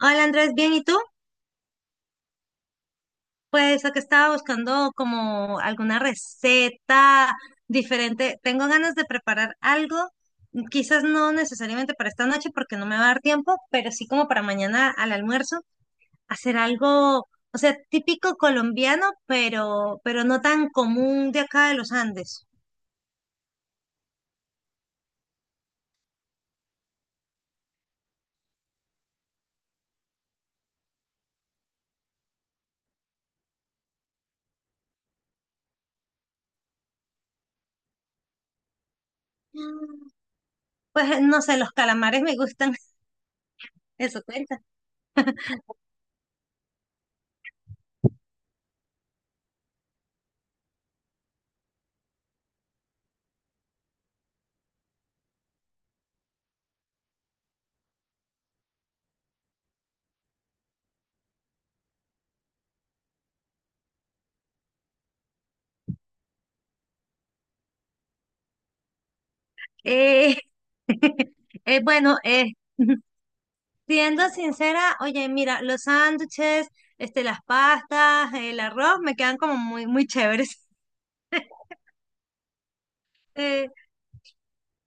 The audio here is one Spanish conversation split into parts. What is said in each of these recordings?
Hola Andrés, ¿bien? ¿Y tú? Pues lo que estaba buscando como alguna receta diferente. Tengo ganas de preparar algo, quizás no necesariamente para esta noche porque no me va a dar tiempo, pero sí como para mañana al almuerzo, hacer algo, o sea, típico colombiano, pero no tan común de acá de los Andes. Mm. Pues no sé, los calamares me gustan, eso cuenta. Eh, eh, bueno, eh, Siendo sincera, oye, mira, los sándwiches, este, las pastas, el arroz me quedan como muy, muy chéveres. Eh,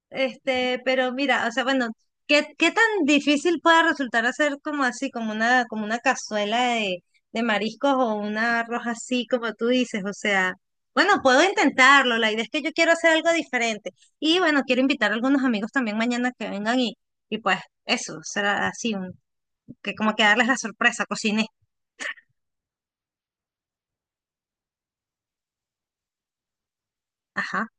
pero mira, o sea, bueno, ¿qué tan difícil puede resultar hacer como así, como una cazuela de mariscos o un arroz así, como tú dices? O sea, bueno, puedo intentarlo. La idea es que yo quiero hacer algo diferente. Y bueno, quiero invitar a algunos amigos también mañana que vengan y pues eso, será así, un- que como que darles la sorpresa, cociné. Ajá.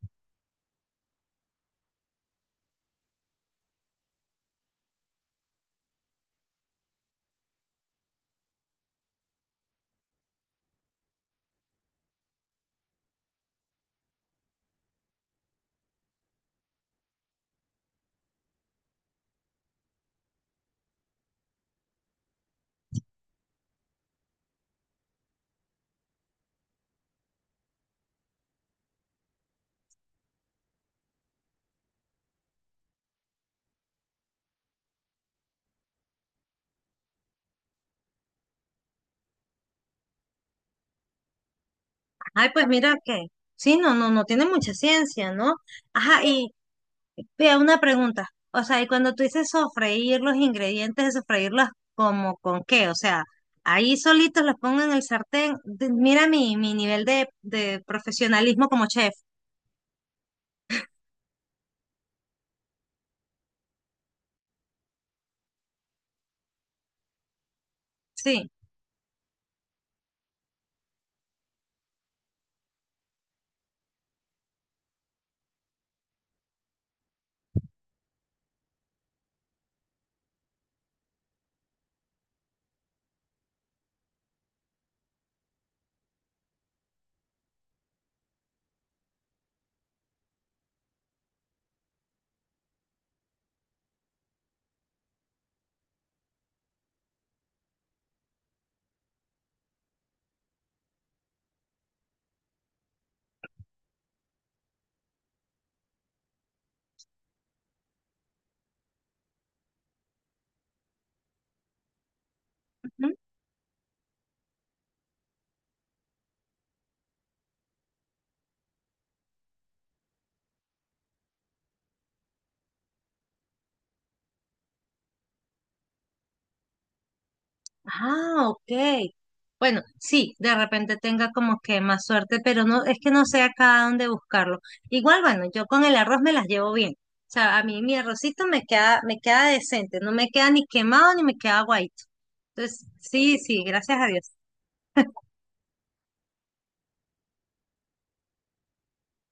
Ay, pues mira que, sí, no, no tiene mucha ciencia, ¿no? Ajá, y vea una pregunta. O sea, y cuando tú dices sofreír los ingredientes de sofreírlos, ¿como con qué? O sea, ahí solitos los pongo en el sartén. De- Mira mi nivel de profesionalismo como chef. Sí. Ah, ok. Bueno, sí, de repente tenga como que más suerte, pero no, es que no sé acá dónde buscarlo. Igual, bueno, yo con el arroz me las llevo bien. O sea, a mí mi arrocito me queda decente, no me queda ni quemado ni me queda guaito. Entonces, sí, sí, gracias a Dios.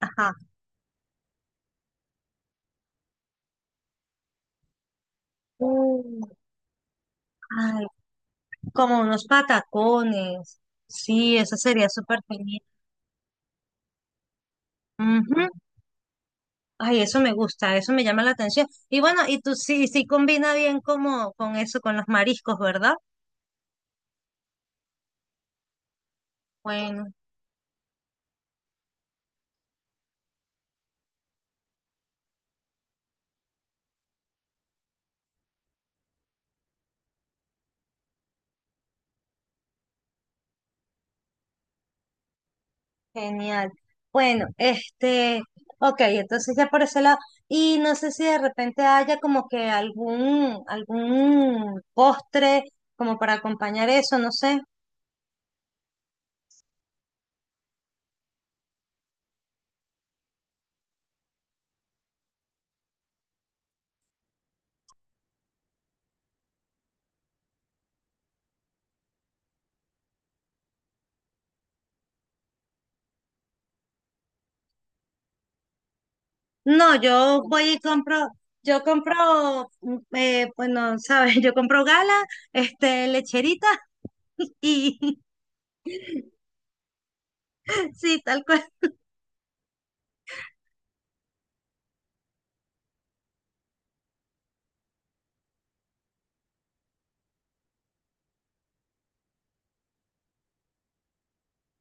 Ajá. Uh, ay, como unos patacones. Sí, eso sería súper genial. Ujú. Ay, eso me gusta, eso me llama la atención. Y bueno, y tú sí, sí combina bien como con eso, con los mariscos, ¿verdad? Bueno, genial. Bueno, este, ok, entonces ya por ese lado. Y no sé si de repente haya como que algún, algún postre como para acompañar eso, no sé. No, yo voy y compro, yo compro, mm, bueno, sabes, yo compro gala, este, lecherita y sí, tal cual.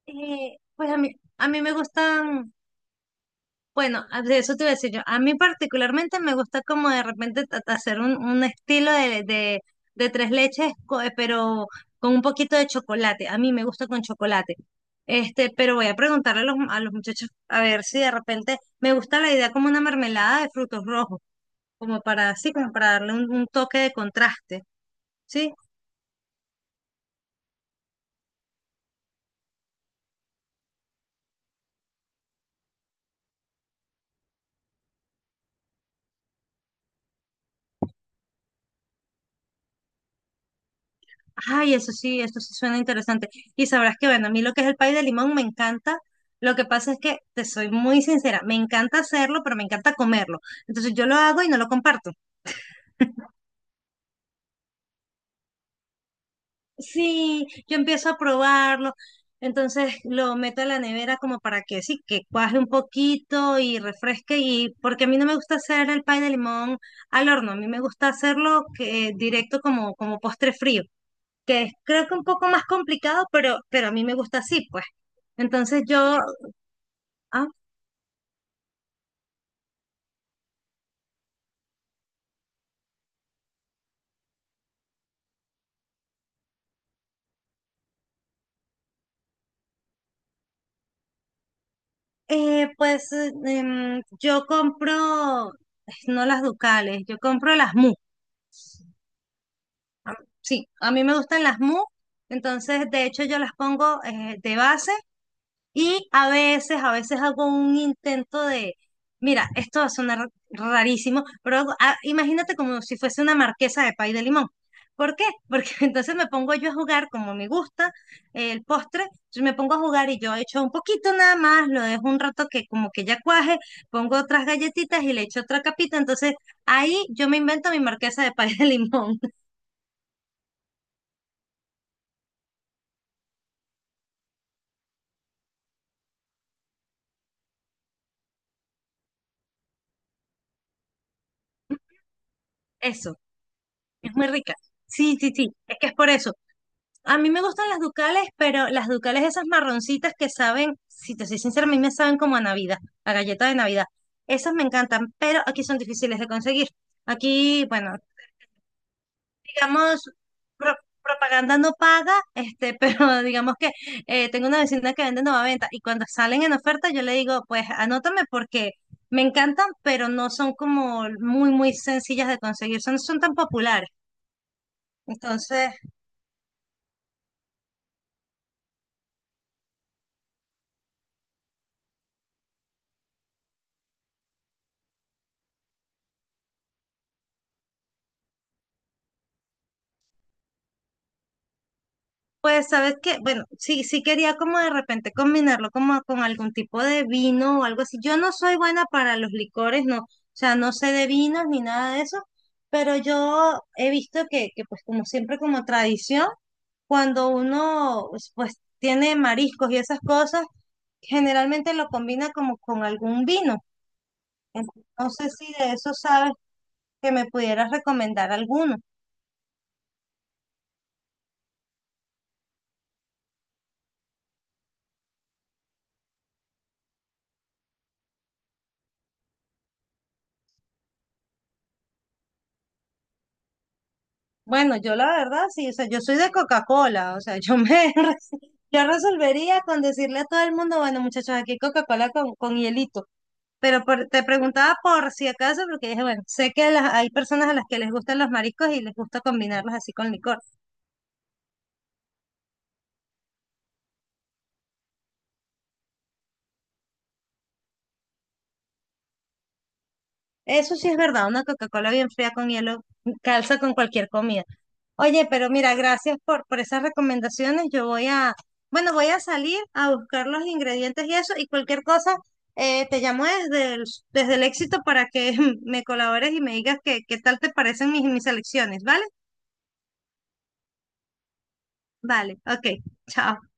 Pues a mí me gustan. Bueno, a- de eso te iba a decir yo. A mí particularmente me gusta como de repente ta- ta- hacer un estilo de tres leches, co- pero con un poquito de chocolate. A mí me gusta con chocolate. Este, pero voy a preguntarle a los muchachos a ver si de repente me gusta la idea como una mermelada de frutos rojos, como para así, como para darle un toque de contraste, ¿sí? Ay, eso sí suena interesante. Y sabrás que, bueno, a mí lo que es el pay de limón me encanta. Lo que pasa es que, te soy muy sincera, me encanta hacerlo, pero me encanta comerlo. Entonces yo lo hago y no lo comparto. Sí, yo empiezo a probarlo. Entonces lo meto a la nevera como para que sí, que cuaje un poquito y refresque. Y porque a mí no me gusta hacer el pay de limón al horno, a mí me gusta hacerlo que, directo como, como postre frío, que es creo que un poco más complicado, pero a mí me gusta así, pues. Entonces yo. Ah, yo compro, no las Ducales, yo compro las Mu. Ah, sí, a mí me gustan las Mu, entonces de hecho yo las pongo de base. Y a veces hago un intento de, mira, esto va a sonar rarísimo, pero hago- ah, imagínate como si fuese una marquesa de pay de limón. ¿Por qué? Porque entonces me pongo yo a jugar como me gusta el postre, entonces me pongo a jugar y yo echo un poquito nada más, lo dejo un rato que como que ya cuaje, pongo otras galletitas y le echo otra capita, entonces ahí yo me invento mi marquesa de pay de limón. Eso, es muy rica. Sí, sí, sí, es que es por eso. A mí me gustan las ducales, pero las ducales esas marroncitas que saben, si te soy sincera, a mí me saben como a Navidad, a galleta de Navidad. Esas me encantan, pero aquí son difíciles de conseguir. Aquí, bueno, digamos, pro- propaganda no paga, este, pero digamos que tengo una vecina que vende nueva venta y cuando salen en oferta yo le digo, pues anótame porque me encantan, pero no son como muy, muy sencillas de conseguir, son, son tan populares. Entonces... Pues sabes que, bueno, sí, sí quería como de repente combinarlo como con algún tipo de vino o algo así. Yo no soy buena para los licores, no, o sea, no sé de vinos ni nada de eso, pero yo he visto que pues como siempre como tradición, cuando uno pues pues, tiene mariscos y esas cosas, generalmente lo combina como con algún vino. Entonces, no sé si de eso sabes que me pudieras recomendar alguno. Bueno, yo la verdad sí, o sea, yo soy de Coca-Cola, o sea, yo me re- yo resolvería con decirle a todo el mundo, bueno, muchachos, aquí Coca-Cola con hielito. Pero por- te preguntaba por si acaso, porque dije, bueno, sé que las- hay personas a las que les gustan los mariscos y les gusta combinarlos así con licor. Eso sí es verdad, una Coca-Cola bien fría con hielo calza con cualquier comida. Oye, pero mira, gracias por esas recomendaciones. Yo voy a, bueno, voy a salir a buscar los ingredientes y eso, y cualquier cosa, te llamo desde el éxito para que me colabores y me digas qué, qué tal te parecen mis, mis selecciones, ¿vale? Vale, ok, chao.